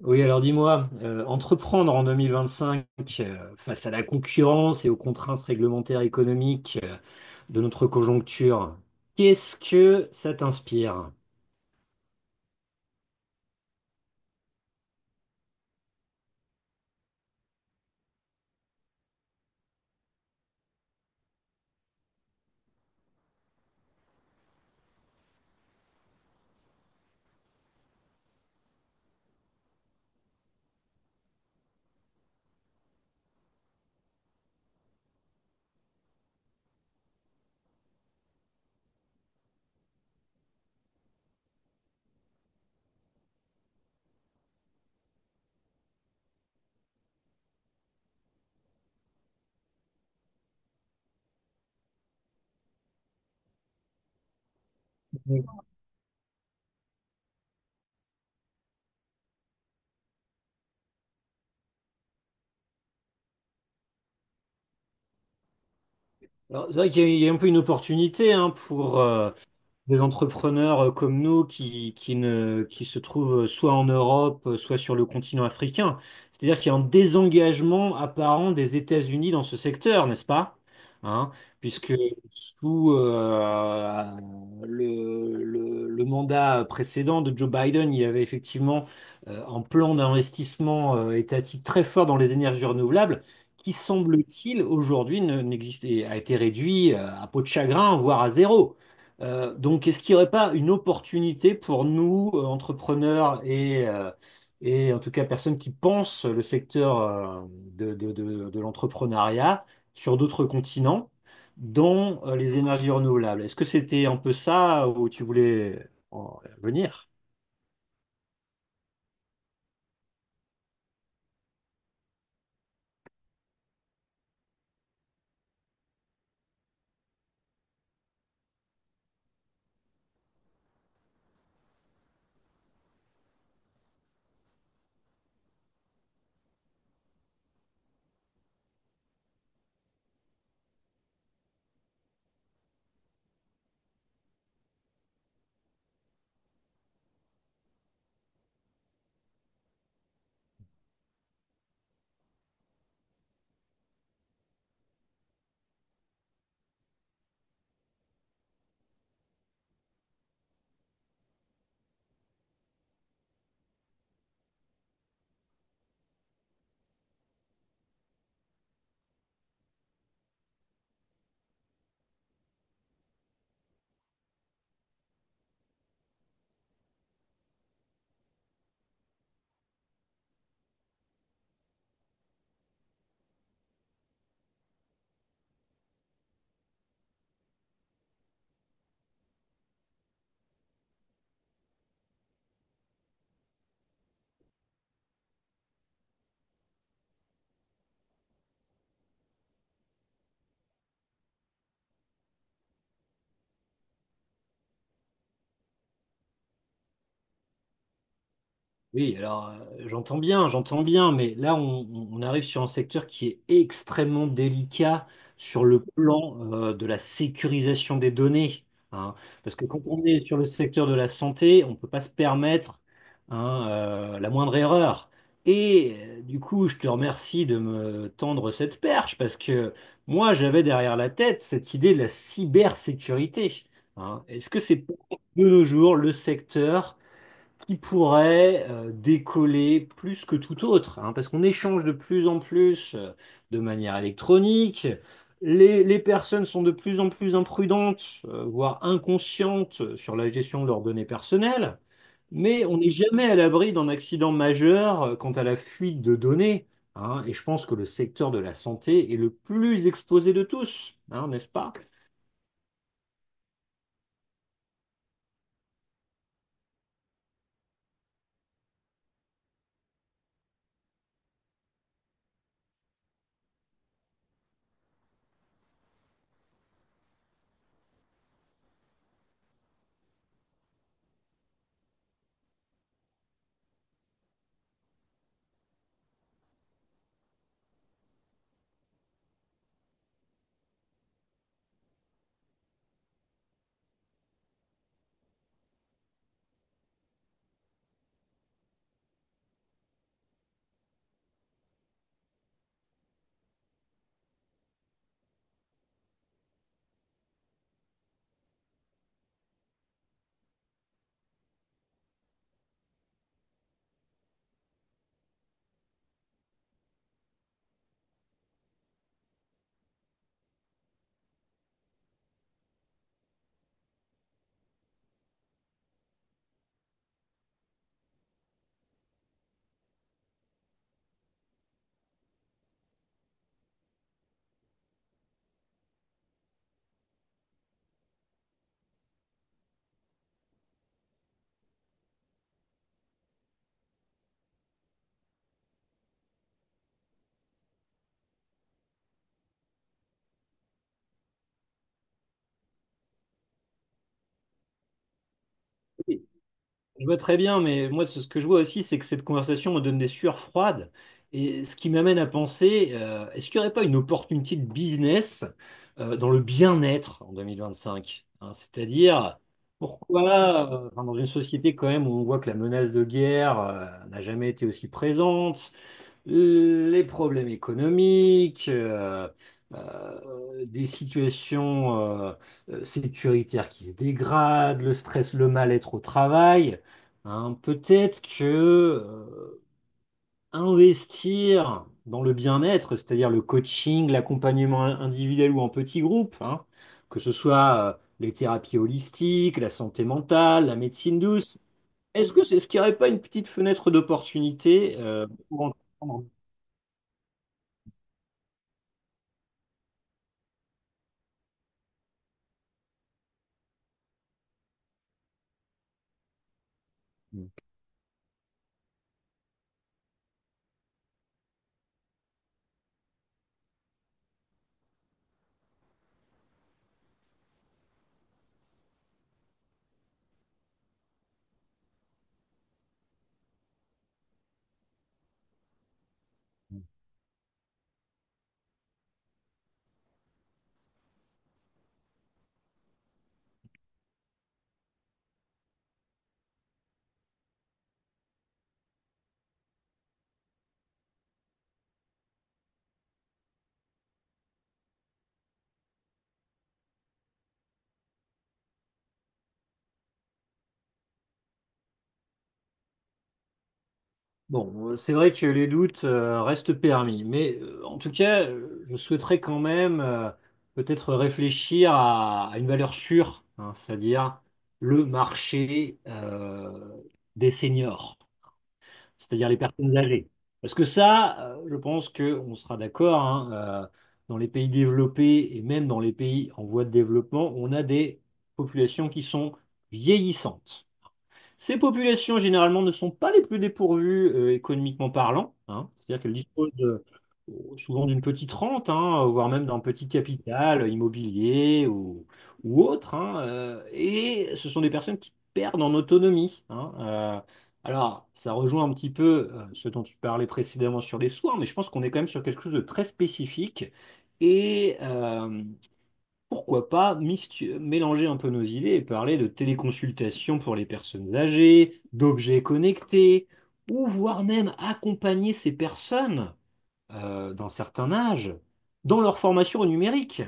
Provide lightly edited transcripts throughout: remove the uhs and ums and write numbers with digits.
Oui, alors dis-moi, entreprendre en 2025 face à la concurrence et aux contraintes réglementaires économiques de notre conjoncture, qu'est-ce que ça t'inspire? Alors, c'est vrai qu'il y a, il y a un peu une opportunité hein, pour, des entrepreneurs comme nous qui ne, qui se trouvent soit en Europe, soit sur le continent africain. C'est-à-dire qu'il y a un désengagement apparent des États-Unis dans ce secteur, n'est-ce pas? Hein. Puisque sous le mandat précédent de Joe Biden, il y avait effectivement un plan d'investissement étatique très fort dans les énergies renouvelables, qui semble-t-il aujourd'hui n'existe et a été réduit à peau de chagrin, voire à zéro. Donc, est-ce qu'il n'y aurait pas une opportunité pour nous, entrepreneurs et en tout cas personnes qui pensent le secteur de l'entrepreneuriat sur d'autres continents, dont les énergies renouvelables? Est-ce que c'était un peu ça où tu voulais en venir? Oui, alors j'entends bien, mais là arrive sur un secteur qui est extrêmement délicat sur le plan de la sécurisation des données, hein. Parce que quand on est sur le secteur de la santé, on ne peut pas se permettre hein, la moindre erreur. Et du coup, je te remercie de me tendre cette perche, parce que moi j'avais derrière la tête cette idée de la cybersécurité, hein. Est-ce que c'est pas de nos jours le secteur qui pourrait décoller plus que tout autre, hein, parce qu'on échange de plus en plus de manière électronique. Les personnes sont de plus en plus imprudentes, voire inconscientes sur la gestion de leurs données personnelles, mais on n'est jamais à l'abri d'un accident majeur quant à la fuite de données, hein, et je pense que le secteur de la santé est le plus exposé de tous, hein, n'est-ce pas? Je vois très bien, mais moi, ce que je vois aussi, c'est que cette conversation me donne des sueurs froides. Et ce qui m'amène à penser, est-ce qu'il n'y aurait pas une opportunité de business dans le bien-être en 2025? Hein, c'est-à-dire, pourquoi, enfin, dans une société quand même où on voit que la menace de guerre n'a jamais été aussi présente, les problèmes économiques, des situations euh, sécuritaires qui se dégradent, le stress, le mal-être au travail, hein, peut-être que investir dans le bien-être, c'est-à-dire le coaching, l'accompagnement individuel ou en petit groupe, hein, que ce soit les thérapies holistiques, la santé mentale, la médecine douce, est-ce que c'est, ce qu'il n'y aurait pas une petite fenêtre d'opportunité pour entreprendre. Bon, c'est vrai que les doutes restent permis, mais en tout cas, je souhaiterais quand même peut-être réfléchir à une valeur sûre, hein, c'est-à-dire le marché des seniors, c'est-à-dire les personnes âgées. Parce que ça, je pense qu'on sera d'accord, hein, euh, dans les pays développés et même dans les pays en voie de développement, on a des populations qui sont vieillissantes. Ces populations, généralement, ne sont pas les plus dépourvues économiquement parlant, hein. C'est-à-dire qu'elles disposent souvent d'une petite rente, hein, voire même d'un petit capital immobilier ou autre, hein, et ce sont des personnes qui perdent en autonomie, hein. Alors, ça rejoint un petit peu ce dont tu parlais précédemment sur les soins, mais je pense qu'on est quand même sur quelque chose de très spécifique. Et, pourquoi pas mélanger un peu nos idées et parler de téléconsultation pour les personnes âgées, d'objets connectés, ou voire même accompagner ces personnes d'un certain âge dans leur formation au numérique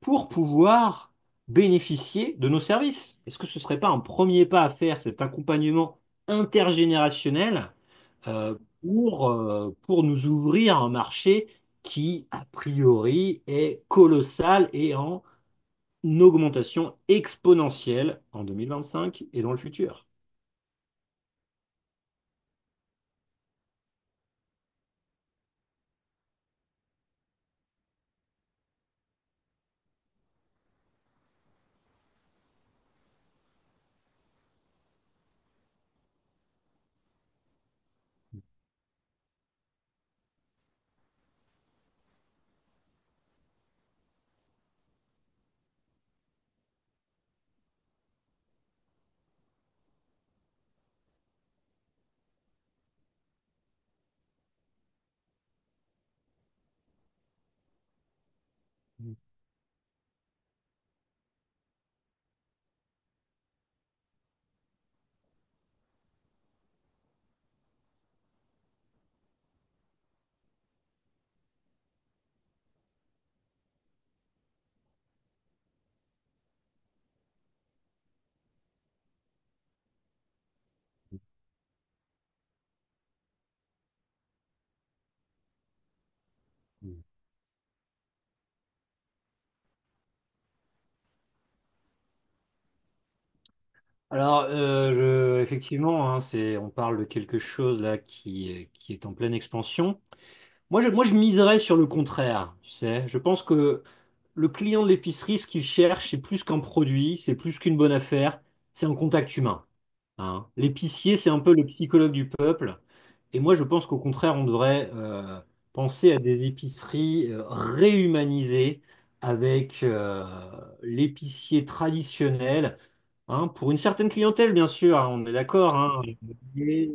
pour pouvoir bénéficier de nos services. Est-ce que ce ne serait pas un premier pas à faire, cet accompagnement intergénérationnel euh, pour nous ouvrir un marché qui, a priori, est colossal et en une augmentation exponentielle en 2025 et dans le futur. Mhm. Alors, effectivement, hein, c'est, on parle de quelque chose là qui est en pleine expansion. Moi, je miserais sur le contraire, tu sais. Je pense que le client de l'épicerie, ce qu'il cherche, c'est plus qu'un produit, c'est plus qu'une bonne affaire, c'est un contact humain, hein. L'épicier, c'est un peu le psychologue du peuple. Et moi, je pense qu'au contraire, on devrait penser à des épiceries réhumanisées avec l'épicier traditionnel, hein, pour une certaine clientèle, bien sûr, hein, on est d'accord, hein. Et-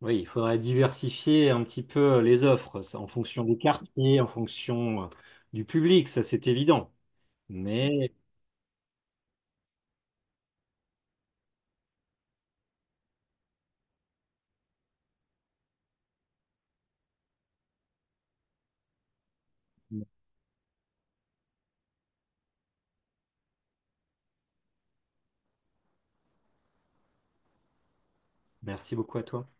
oui, il faudrait diversifier un petit peu les offres, ça, en fonction des quartiers, en fonction du public, ça c'est évident. Mais merci beaucoup à toi.